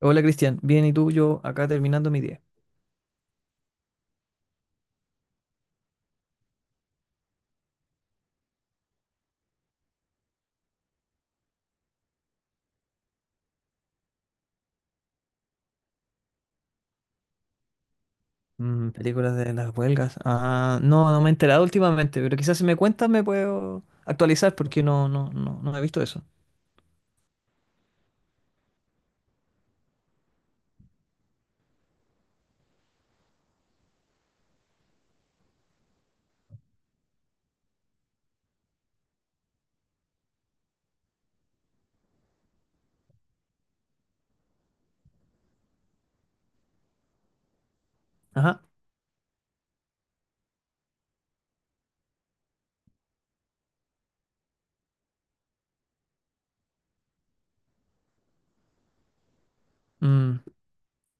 Hola Cristian, bien y tú, yo acá terminando mi día. Mm, películas de las huelgas. Ah, no me he enterado últimamente, pero quizás si me cuentas me puedo actualizar porque no he visto eso. Ajá. Mm.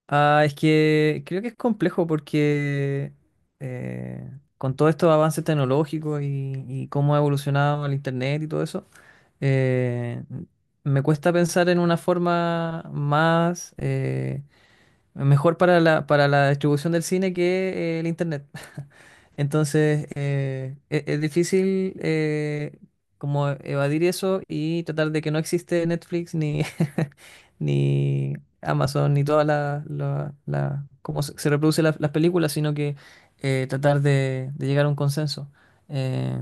Ah, es que creo que es complejo porque eh, con todos estos avances tecnológicos y cómo ha evolucionado el internet y todo eso, eh, me cuesta pensar en una forma más mejor para para la distribución del cine que el internet. Entonces, es difícil como evadir eso y tratar de que no existe Netflix ni, ni Amazon ni todas las, la- la- cómo se reproduce las películas, sino que tratar de llegar a un consenso. Eh,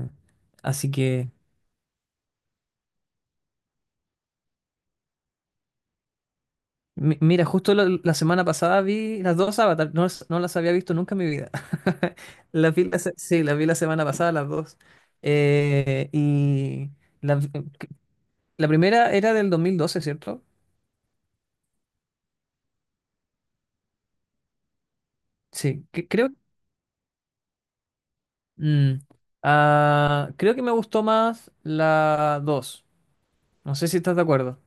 así que mira, justo la semana pasada vi las dos Avatar, no, no las había visto nunca en mi vida. Las vi sí, las vi la semana pasada, las dos. Y la, la primera era del 2012, ¿cierto? Sí, que creo. mm, Creo que me gustó más la dos. No sé si estás de acuerdo.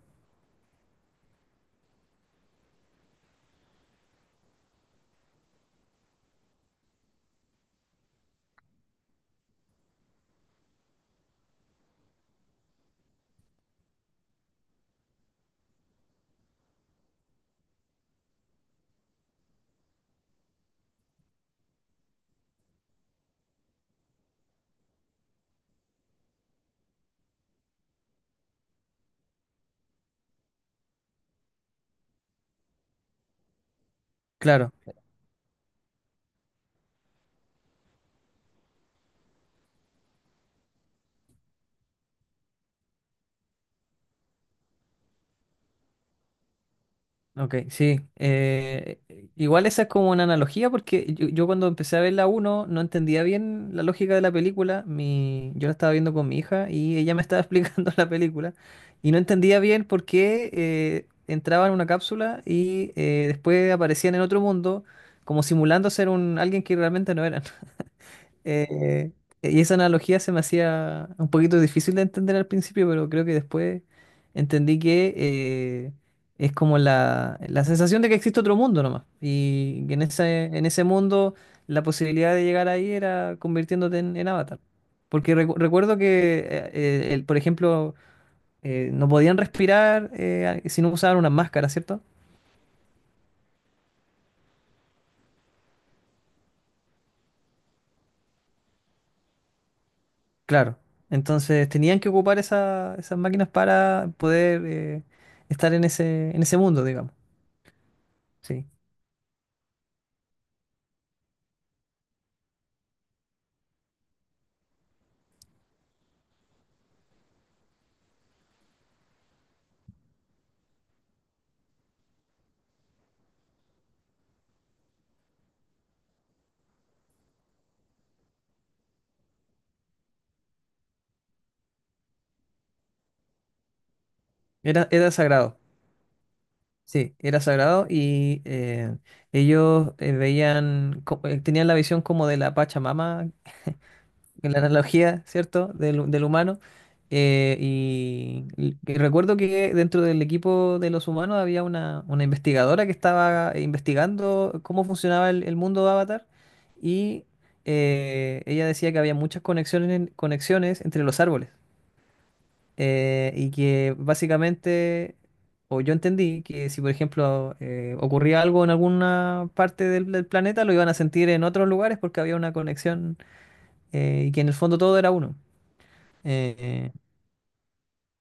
Claro. Ok, sí. Igual esa es como una analogía porque yo cuando empecé a ver la uno no entendía bien la lógica de la película. Yo la estaba viendo con mi hija y ella me estaba explicando la película y no entendía bien por qué entraban en una cápsula y después aparecían en otro mundo como simulando ser un, alguien que realmente no eran. Eh, y esa analogía se me hacía un poquito difícil de entender al principio, pero creo que después entendí que es como la sensación de que existe otro mundo nomás. Y que en en ese mundo la posibilidad de llegar ahí era convirtiéndote en avatar. Porque recuerdo que, por ejemplo, no podían respirar si no usaban una máscara, ¿cierto? Claro. Entonces tenían que ocupar esas máquinas para poder estar en en ese mundo, digamos. Sí. Era, era sagrado. Sí, era sagrado y, ellos veían, tenían la visión como de la Pachamama en la analogía, ¿cierto? Del humano. Y recuerdo que dentro del equipo de los humanos había una investigadora que estaba investigando cómo funcionaba el mundo de Avatar y ella decía que había muchas conexiones, conexiones entre los árboles y que básicamente, o yo entendí que si por ejemplo ocurría algo en alguna parte del planeta, lo iban a sentir en otros lugares porque había una conexión y que en el fondo todo era uno. Eh,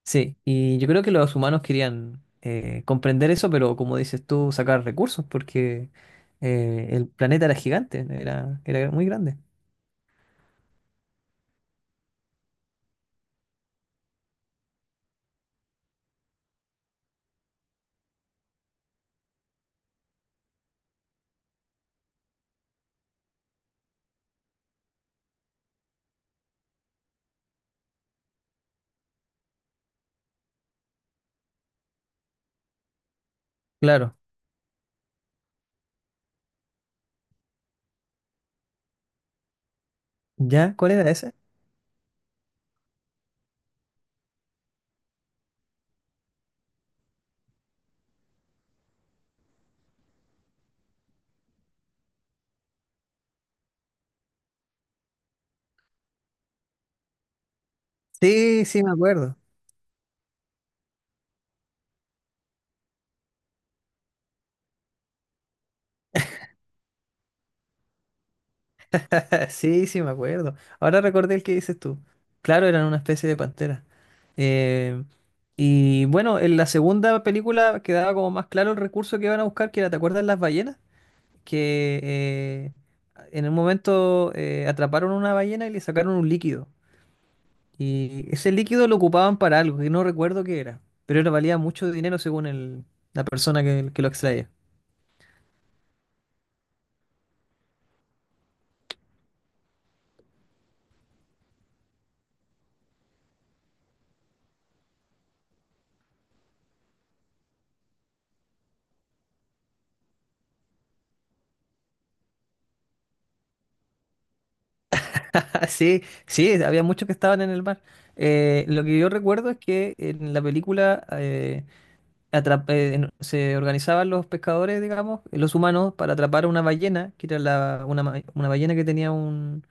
sí, y yo creo que los humanos querían comprender eso, pero como dices tú, sacar recursos, porque el planeta era gigante, era, era muy grande. Claro. ¿Ya? ¿Cuál era ese? Sí, sí, me acuerdo. Sí, sí, me acuerdo. Ahora recordé el que dices tú. Claro, eran una especie de pantera. Eh, y bueno, en la segunda película quedaba como más claro el recurso que iban a buscar, que era, ¿te acuerdas las ballenas? Que en un momento atraparon una ballena y le sacaron un líquido. Y ese líquido lo ocupaban para algo, que no recuerdo qué era, pero era valía mucho dinero según la persona que lo extraía. Sí, sí, había muchos que estaban en el mar. Lo que yo recuerdo es que en la película se organizaban los pescadores, digamos, los humanos, para atrapar a una ballena, que era una ballena que tenía un,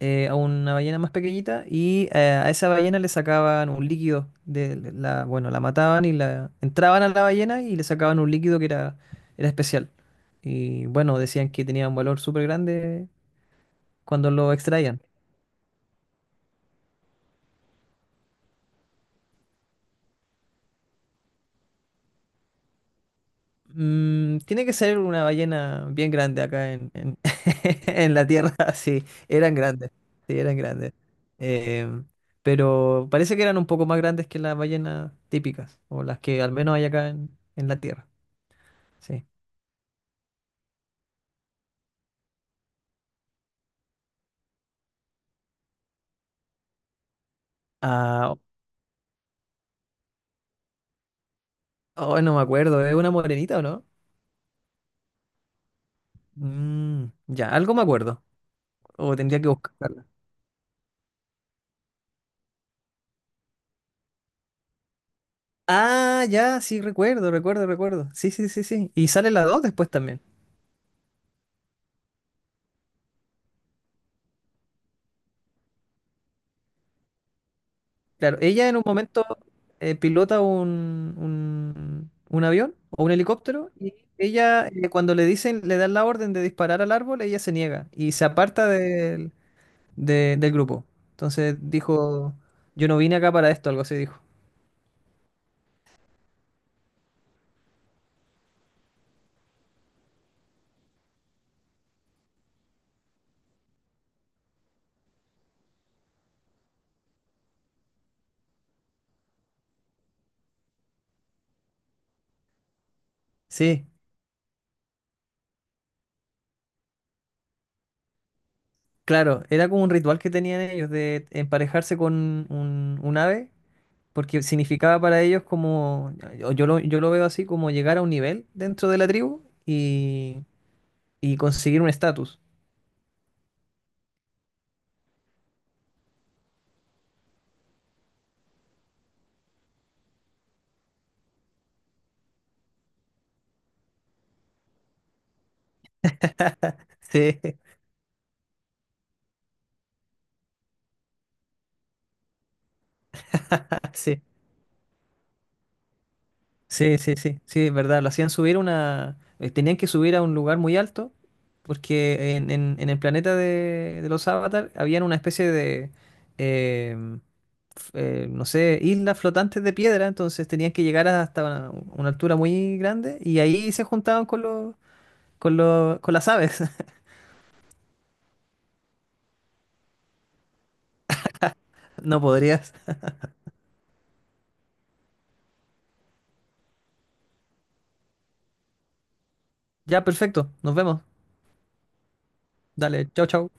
a una ballena más pequeñita, y a esa ballena le sacaban un líquido, de la, bueno, la mataban y la entraban a la ballena y le sacaban un líquido que era, era especial. Y bueno, decían que tenía un valor súper grande cuando lo extraían. Mm, tiene que ser una ballena bien grande acá en la Tierra, sí, eran grandes, sí, eran grandes. Eh, pero parece que eran un poco más grandes que las ballenas típicas, o las que al menos hay acá en la Tierra, sí. Ah, oh, no me acuerdo, ¿es una morenita o no? Mm, ya, algo me acuerdo, o tendría que buscarla. Ah, ya, sí, recuerdo, recuerdo, recuerdo. Sí, sí, sí, sí. Y sale la 2 después también. Claro, ella en un momento pilota un avión o un helicóptero y ella cuando le dicen, le dan la orden de disparar al árbol, ella se niega y se aparta del grupo. Entonces dijo, yo no vine acá para esto, algo así dijo. Sí, claro, era como un ritual que tenían ellos de emparejarse con un ave, porque significaba para ellos como, yo lo veo así, como llegar a un nivel dentro de la tribu y conseguir un estatus. Sí. Sí, sí, es verdad. Lo hacían subir una. Eh, tenían que subir a un lugar muy alto, porque en el planeta de los Avatar habían una especie de. em, f- no sé, islas flotantes de piedra, entonces tenían que llegar hasta una altura muy grande y ahí se juntaban con con las aves. No podrías. Ya, perfecto, nos vemos. Dale, chao, chao.